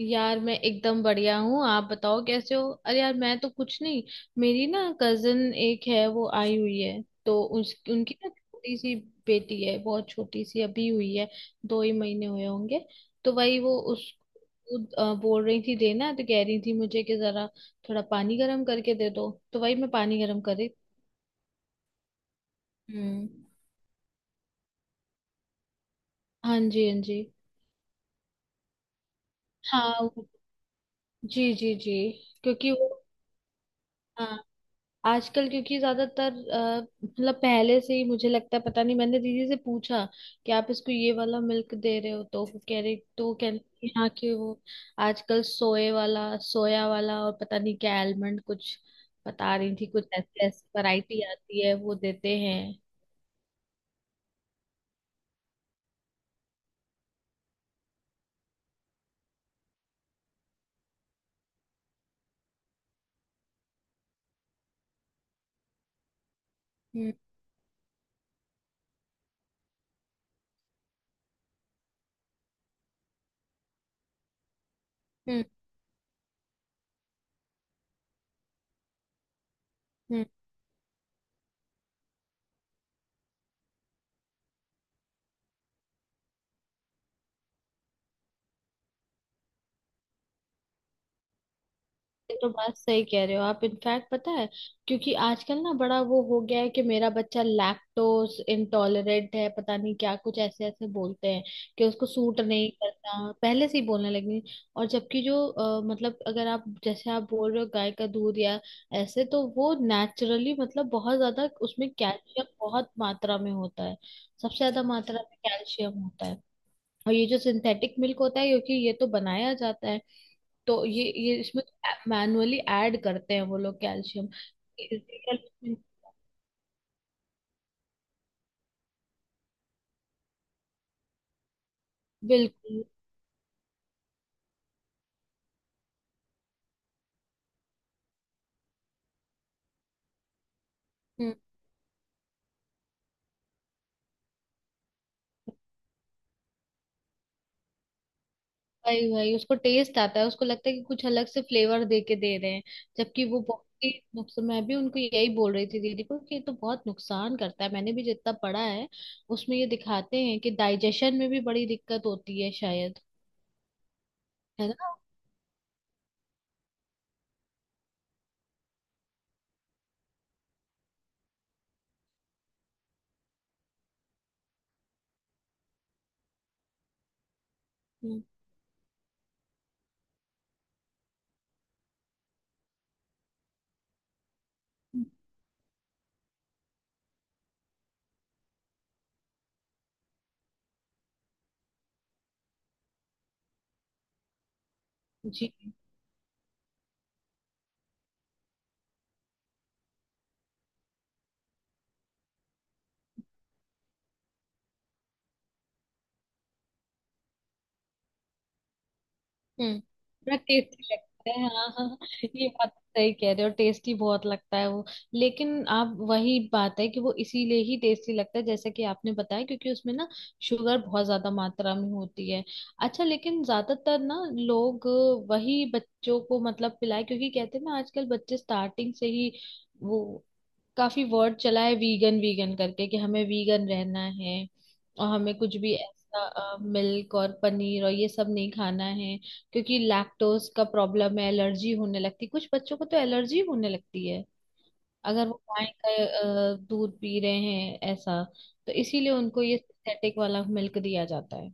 यार मैं एकदम बढ़िया हूँ। आप बताओ कैसे हो। अरे यार मैं तो कुछ नहीं। मेरी ना कजन एक है, वो आई हुई है। तो उस उनकी ना छोटी सी बेटी है, बहुत छोटी सी अभी हुई है। दो ही महीने हुए होंगे। तो वही वो उसको बोल रही थी देना, तो कह रही थी मुझे कि जरा थोड़ा पानी गर्म करके दे दो, तो वही मैं पानी गर्म कर रही। हम्म। हाँ जी, हाँ जी। हाँ वो- जी जी जी। क्योंकि वो, हाँ, आजकल क्योंकि ज्यादातर मतलब पहले से ही मुझे लगता है, पता नहीं, मैंने दीदी से पूछा कि आप इसको ये वाला मिल्क दे रहे हो, तो वो कह रही, तो वो कहती है, हाँ कि वो आजकल सोए वाला सोया वाला और पता नहीं क्या आलमंड, कुछ बता रही थी, कुछ ऐसे ऐसे वैरायटी आती है वो देते हैं। हम्म। हम्म। ये तो बात सही कह रहे हो आप। इनफैक्ट पता है, क्योंकि आजकल ना बड़ा वो हो गया है कि मेरा बच्चा लैक्टोज इंटॉलरेंट है, पता नहीं क्या, कुछ ऐसे ऐसे बोलते हैं कि उसको सूट नहीं करता, पहले से ही बोलने लगी। और जबकि जो मतलब अगर आप, जैसे आप बोल रहे हो गाय का दूध या ऐसे, तो वो नेचुरली, मतलब बहुत ज्यादा उसमें कैल्शियम बहुत मात्रा में होता है। सबसे ज्यादा मात्रा में कैल्शियम होता है। और ये जो सिंथेटिक मिल्क होता है, क्योंकि ये तो बनाया जाता है, तो ये इसमें मैनुअली ऐड करते हैं वो लोग कैल्शियम। बिल्कुल। हम्म, वही वही उसको टेस्ट आता है, उसको लगता है कि कुछ अलग से फ्लेवर दे के दे रहे हैं। जबकि वो बहुत ही नुकसान। मैं भी उनको यही बोल रही थी दीदी को कि ये तो बहुत नुकसान करता है। मैंने भी जितना पढ़ा है, उसमें ये दिखाते हैं कि डाइजेशन में भी बड़ी दिक्कत होती है शायद। है ना। हम्म, जी। हम्म, बड़ा टेस्टी लगता है, हाँ हाँ हाँ। ये बात तो सही कह रहे हो, टेस्टी बहुत लगता है वो। लेकिन आप वही बात है कि वो इसीलिए ही टेस्टी लगता है जैसे कि आपने बताया, क्योंकि उसमें ना शुगर बहुत ज्यादा मात्रा में होती है। अच्छा लेकिन ज्यादातर ना लोग वही बच्चों को मतलब पिलाए, क्योंकि कहते हैं ना आजकल बच्चे स्टार्टिंग से ही वो, काफी वर्ड चला है वीगन वीगन करके, कि हमें वीगन रहना है और हमें कुछ भी ऐसा मिल्क और पनीर और ये सब नहीं खाना है क्योंकि लैक्टोज का प्रॉब्लम है, एलर्जी होने लगती है। कुछ बच्चों को तो एलर्जी होने लगती है अगर वो गाय का दूध पी रहे हैं ऐसा। तो इसीलिए उनको ये सिंथेटिक वाला मिल्क दिया जाता है।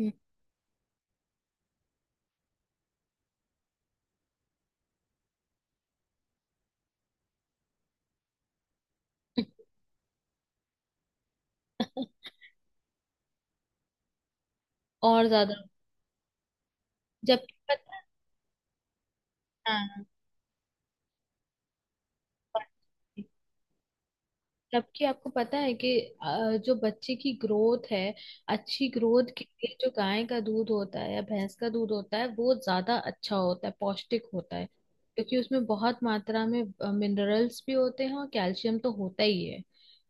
हम्म। और ज्यादा जबकि पता-, हाँ, जबकि आपको पता है कि जो बच्चे की ग्रोथ है, अच्छी ग्रोथ के लिए जो गाय का दूध होता है या भैंस का दूध होता है वो ज्यादा अच्छा होता है, पौष्टिक होता है। क्योंकि उसमें बहुत मात्रा में मिनरल्स भी होते हैं और कैल्शियम तो होता ही है।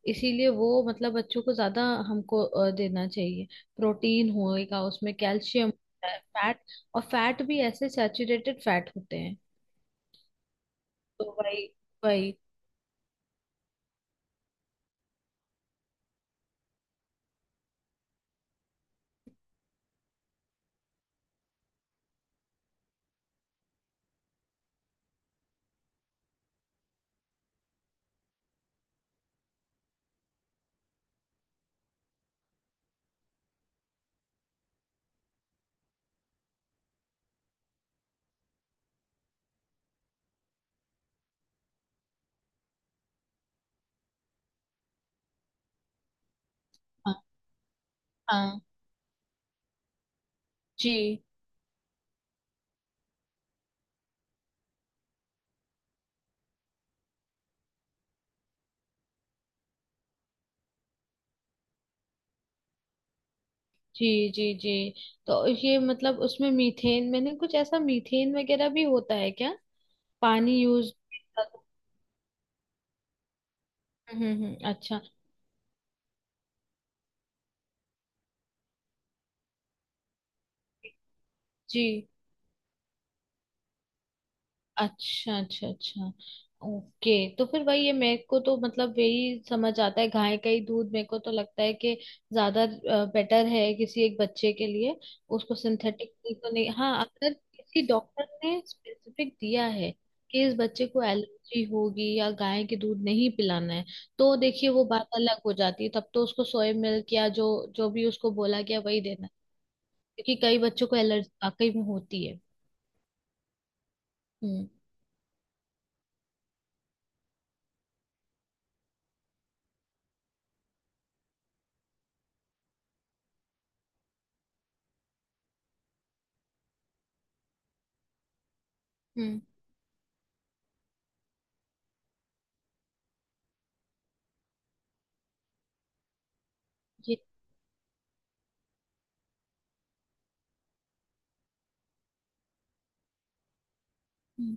इसीलिए वो मतलब बच्चों को ज्यादा हमको देना चाहिए। प्रोटीन होएगा, उसमें कैल्शियम होता है, फैट, और फैट भी ऐसे सैचुरेटेड फैट होते हैं। तो वही वही, हाँ हाँ। जी जी जी जी। तो ये मतलब उसमें मीथेन, मैंने कुछ ऐसा मीथेन वगैरह भी होता है क्या। पानी यूज हम्म। अच्छा। जी, अच्छा अच्छा अच्छा। ओके। तो फिर वही है, मेरे को तो मतलब यही समझ आता है गाय का ही दूध। मेरे को तो लगता है कि ज्यादा बेटर है किसी एक बच्चे के लिए, उसको सिंथेटिक तो नहीं। हाँ अगर किसी डॉक्टर ने स्पेसिफिक दिया है कि इस बच्चे को एलर्जी होगी या गाय के दूध नहीं पिलाना है, तो देखिए वो बात अलग हो जाती है, तब तो उसको सोया मिल्क या जो, जो भी उसको बोला गया वही देना, क्योंकि कई बच्चों को एलर्जी वाकई में होती है। हम्म। हम्म। ये हम्म।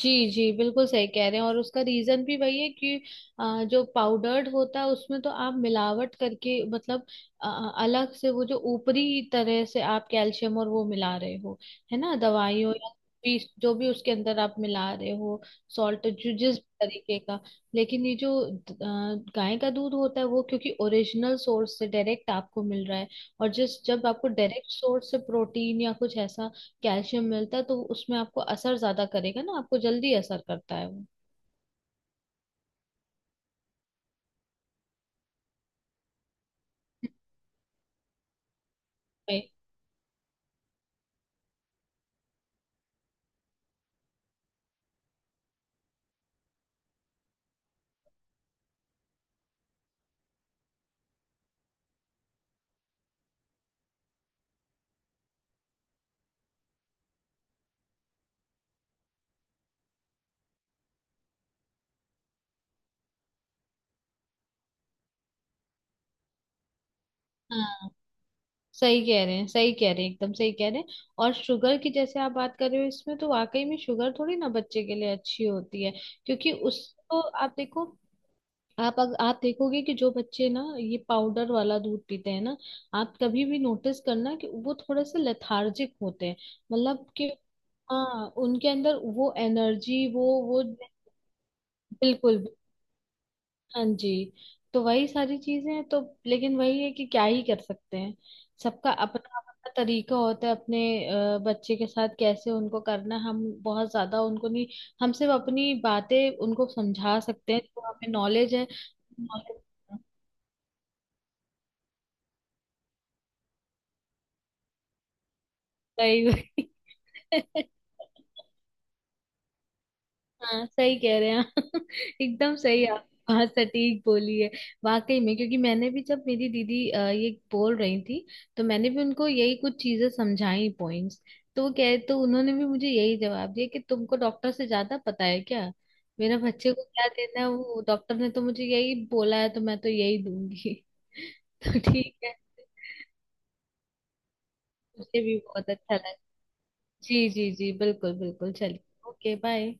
जी जी बिल्कुल सही कह रहे हैं। और उसका रीजन भी वही है कि जो पाउडर्ड होता है उसमें तो आप मिलावट करके मतलब अ, अलग से वो, जो ऊपरी तरह से आप कैल्शियम और वो मिला रहे हो, है ना, दवाइयों या भी जो भी उसके अंदर आप मिला रहे हो, सॉल्ट, जो जिस तरीके का। लेकिन ये जो द- गाय का दूध होता है वो क्योंकि ओरिजिनल सोर्स से डायरेक्ट आपको मिल रहा है। और जिस जब आपको डायरेक्ट सोर्स से प्रोटीन या कुछ ऐसा कैल्शियम मिलता है, तो उसमें आपको असर ज्यादा करेगा ना, आपको जल्दी असर करता है वो। भाई, हाँ, सही कह रहे हैं, सही कह रहे हैं, एकदम सही कह रहे हैं। और शुगर की जैसे आप बात कर रहे हो, इसमें तो वाकई में शुगर थोड़ी ना बच्चे के लिए अच्छी होती है। क्योंकि उसको आप देखो, आप देखोगे कि जो बच्चे ना ये पाउडर वाला दूध पीते हैं ना, आप कभी भी नोटिस करना कि वो थोड़े से लेथार्जिक होते हैं, मतलब कि हाँ उनके अंदर वो एनर्जी, वो। बिल्कुल। हाँ जी। तो वही सारी चीजें हैं। तो लेकिन वही है कि क्या ही कर सकते हैं। सबका अपना अपना तरीका होता है अपने बच्चे के साथ कैसे उनको करना है। हम बहुत ज्यादा उनको नहीं, हम सिर्फ अपनी बातें उनको समझा सकते हैं जो हमें नॉलेज है। नॉलेज। सही। हाँ सही कह रहे हैं आप। एकदम सही आप बात सटीक बोली है वाकई में। क्योंकि मैंने भी जब मेरी दीदी ये बोल रही थी, तो मैंने भी उनको यही कुछ चीजें समझाई, पॉइंट्स, तो वो कह तो उन्होंने भी मुझे यही जवाब दिया कि तुमको डॉक्टर से ज्यादा पता है क्या, मेरे बच्चे को क्या देना है, वो डॉक्टर ने तो मुझे यही बोला है तो मैं तो यही दूंगी। तो ठीक है। मुझे भी बहुत अच्छा लगा। जी जी जी, बिल्कुल बिल्कुल, चलिए। Okay bye.